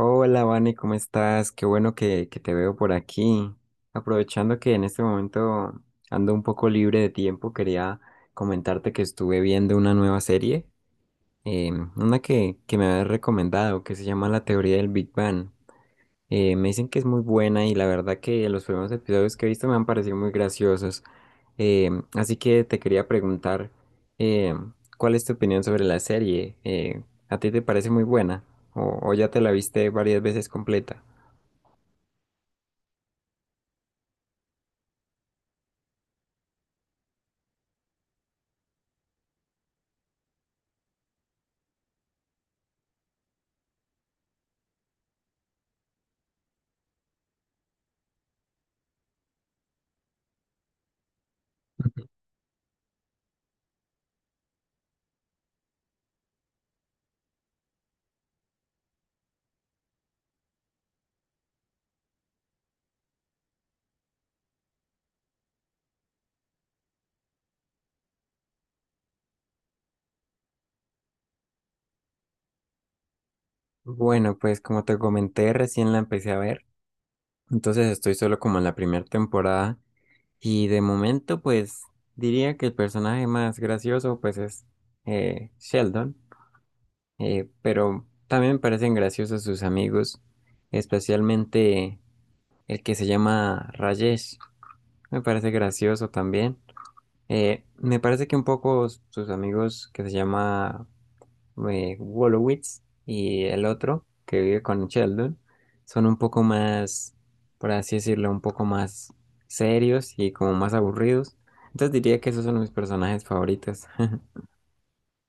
Hola, Vane, ¿cómo estás? Qué bueno que te veo por aquí. Aprovechando que en este momento ando un poco libre de tiempo, quería comentarte que estuve viendo una nueva serie, una que me habías recomendado, que se llama La teoría del Big Bang. Me dicen que es muy buena y la verdad que los primeros episodios que he visto me han parecido muy graciosos. Eh, así que te quería preguntar, eh, ¿cuál es tu opinión sobre la serie? ¿A ti te parece muy buena o ya te la viste varias veces completa? Bueno, pues como te comenté, recién la empecé a ver, entonces estoy solo como en la primera temporada y de momento pues diría que el personaje más gracioso pues es Sheldon. Pero también me parecen graciosos sus amigos, especialmente el que se llama Rajesh. Me parece gracioso también. Me parece que un poco sus amigos que se llama Wolowitz y el otro que vive con Sheldon son un poco más, por así decirlo, un poco más serios y como más aburridos. Entonces diría que esos son mis personajes favoritos.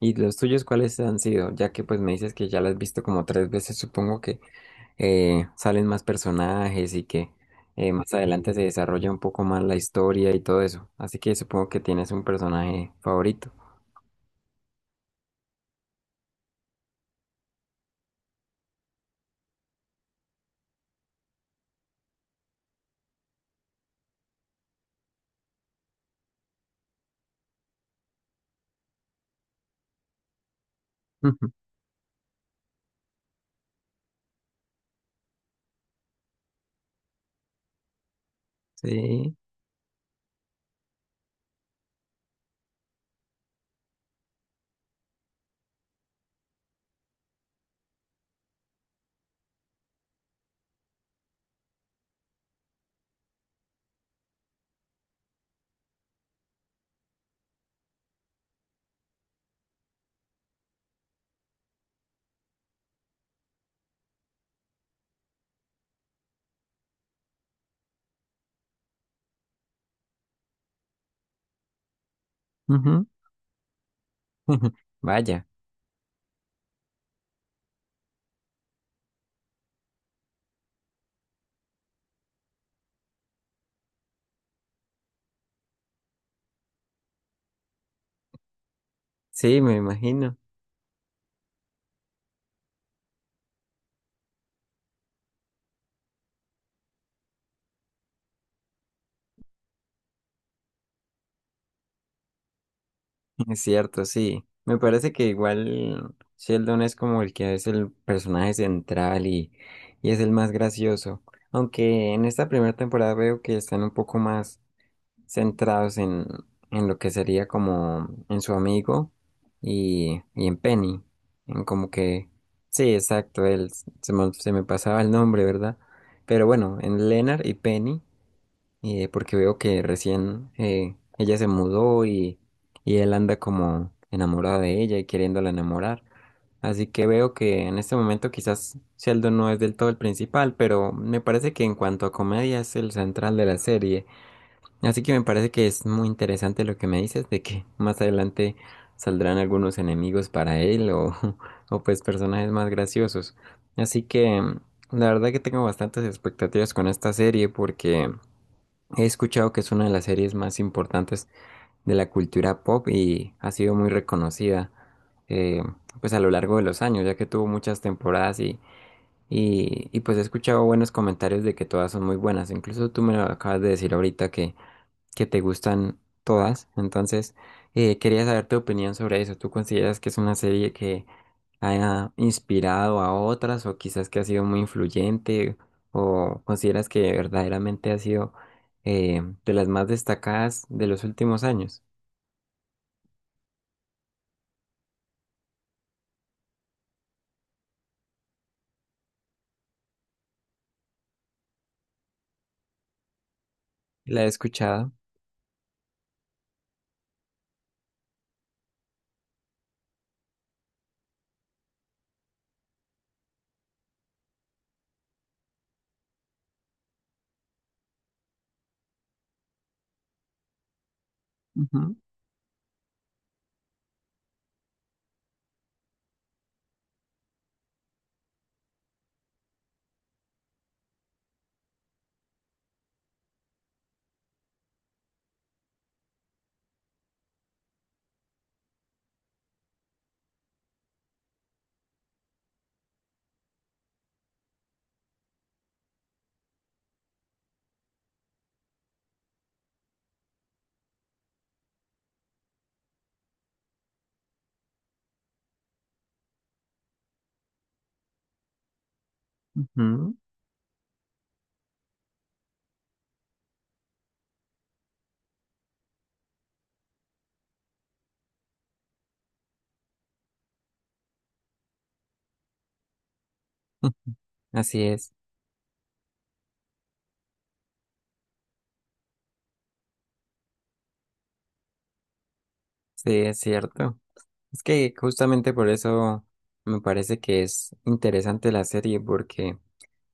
¿Y los tuyos cuáles han sido? Ya que pues me dices que ya las has visto como tres veces, supongo que salen más personajes y que más adelante se desarrolla un poco más la historia y todo eso. Así que supongo que tienes un personaje favorito. Ujú. Sí. Ujú. Vaya. Sí, me imagino. Es cierto, sí. Me parece que igual Sheldon es como el que es el personaje central y es el más gracioso. Aunque en esta primera temporada veo que están un poco más centrados en lo que sería como en su amigo y en Penny, en como que, sí, exacto, él, se me pasaba el nombre, ¿verdad? Pero bueno, en Leonard y Penny, porque veo que recién ella se mudó y él anda como enamorado de ella y queriéndola enamorar. Así que veo que en este momento quizás Sheldon no es del todo el principal, pero me parece que en cuanto a comedia es el central de la serie. Así que me parece que es muy interesante lo que me dices de que más adelante saldrán algunos enemigos para él o, o pues personajes más graciosos. Así que la verdad que tengo bastantes expectativas con esta serie porque he escuchado que es una de las series más importantes de la cultura pop y ha sido muy reconocida eh, pues a lo largo de los años ya que tuvo muchas temporadas y pues he escuchado buenos comentarios de que todas son muy buenas. Incluso tú me lo acabas de decir ahorita que te gustan todas. Entonces, quería saber tu opinión sobre eso. ¿Tú consideras que es una serie que haya inspirado a otras o quizás que ha sido muy influyente o consideras que verdaderamente ha sido de las más destacadas de los últimos años? La he escuchado. Ujú. Así es, sí, es cierto. Es que justamente por eso me parece que es interesante la serie porque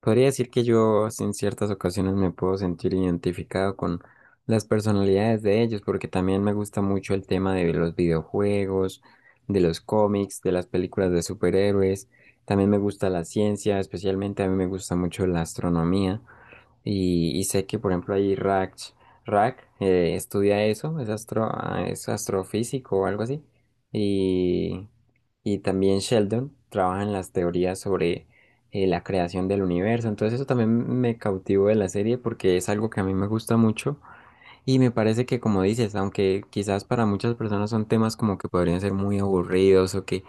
podría decir que yo en ciertas ocasiones me puedo sentir identificado con las personalidades de ellos, porque también me gusta mucho el tema de los videojuegos, de los cómics, de las películas de superhéroes. También me gusta la ciencia, especialmente a mí me gusta mucho la astronomía. Y sé que, por ejemplo, ahí Rach, Rach estudia eso, es, es astrofísico o algo así. Y, y también Sheldon trabaja en las teorías sobre la creación del universo. Entonces eso también me cautivó de la serie porque es algo que a mí me gusta mucho. Y me parece que, como dices, aunque quizás para muchas personas son temas como que podrían ser muy aburridos o que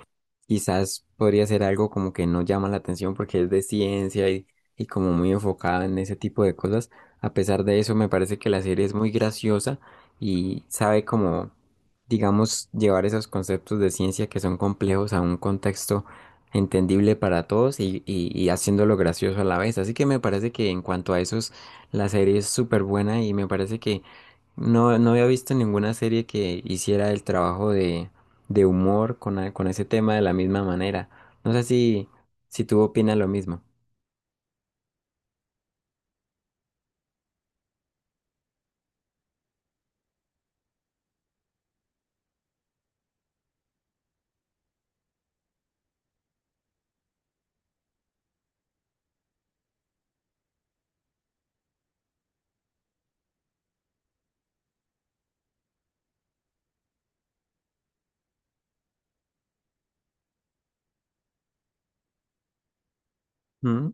quizás podría ser algo como que no llama la atención porque es de ciencia y como muy enfocada en ese tipo de cosas. A pesar de eso, me parece que la serie es muy graciosa y sabe como, digamos, llevar esos conceptos de ciencia que son complejos a un contexto entendible para todos y haciéndolo gracioso a la vez. Así que me parece que en cuanto a esos, la serie es súper buena y me parece que no había visto ninguna serie que hiciera el trabajo de humor con ese tema de la misma manera. No sé si tú opinas lo mismo. Mm,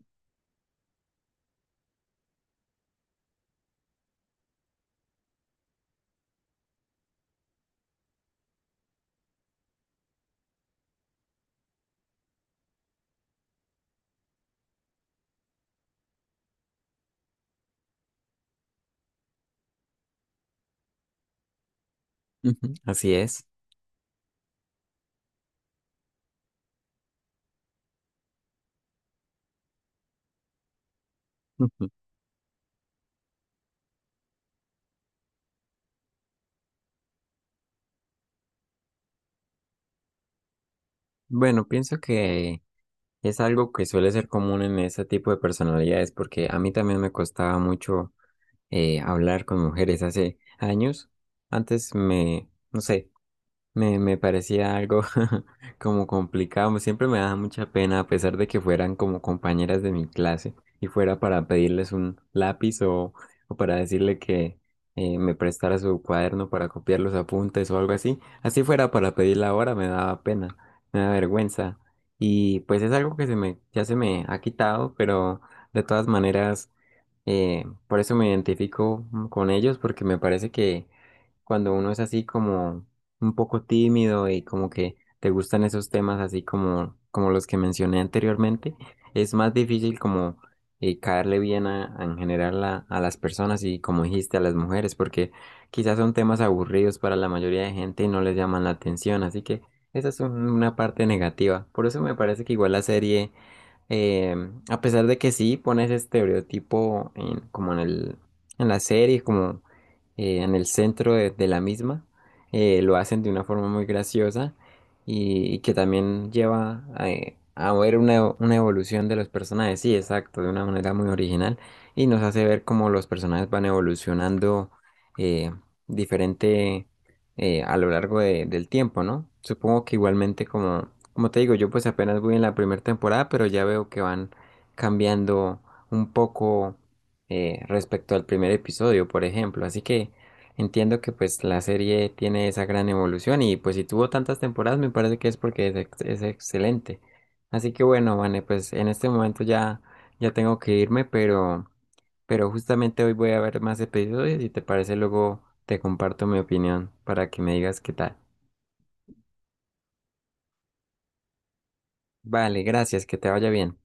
Ujú, así es. Ujú. Bueno, pienso que es algo que suele ser común en ese tipo de personalidades, porque a mí también me costaba mucho hablar con mujeres hace años. Antes me, no sé. Me parecía algo como complicado. Siempre me daba mucha pena, a pesar de que fueran como compañeras de mi clase y fuera para pedirles un lápiz o para decirle que me prestara su cuaderno para copiar los apuntes o algo así. Así fuera para pedirla ahora, me daba pena, me daba vergüenza. Y pues es algo que ya se me ha quitado, pero de todas maneras, por eso me identifico con ellos porque me parece que cuando uno es así como un poco tímido y como que te gustan esos temas así como los que mencioné anteriormente, es más difícil como caerle bien a en general a las personas y como dijiste a las mujeres, porque quizás son temas aburridos para la mayoría de gente y no les llaman la atención, así que esa es una parte negativa. Por eso me parece que igual la serie a pesar de que sí pone ese estereotipo como en el, en la serie, como en el centro de la misma. Lo hacen de una forma muy graciosa y que también lleva a ver una evolución de los personajes. Sí, exacto, de una manera muy original y nos hace ver cómo los personajes van evolucionando eh, diferente a lo largo del tiempo, ¿no? Supongo que igualmente como te digo, yo pues apenas voy en la primera temporada, pero ya veo que van cambiando un poco respecto al primer episodio, por ejemplo. Así que entiendo que pues la serie tiene esa gran evolución y pues si tuvo tantas temporadas me parece que es porque es excelente. Así que bueno, Vane, pues en este momento ya tengo que irme, pero justamente hoy voy a ver más episodios y te parece luego te comparto mi opinión para que me digas qué tal. Vale, gracias, que te vaya bien.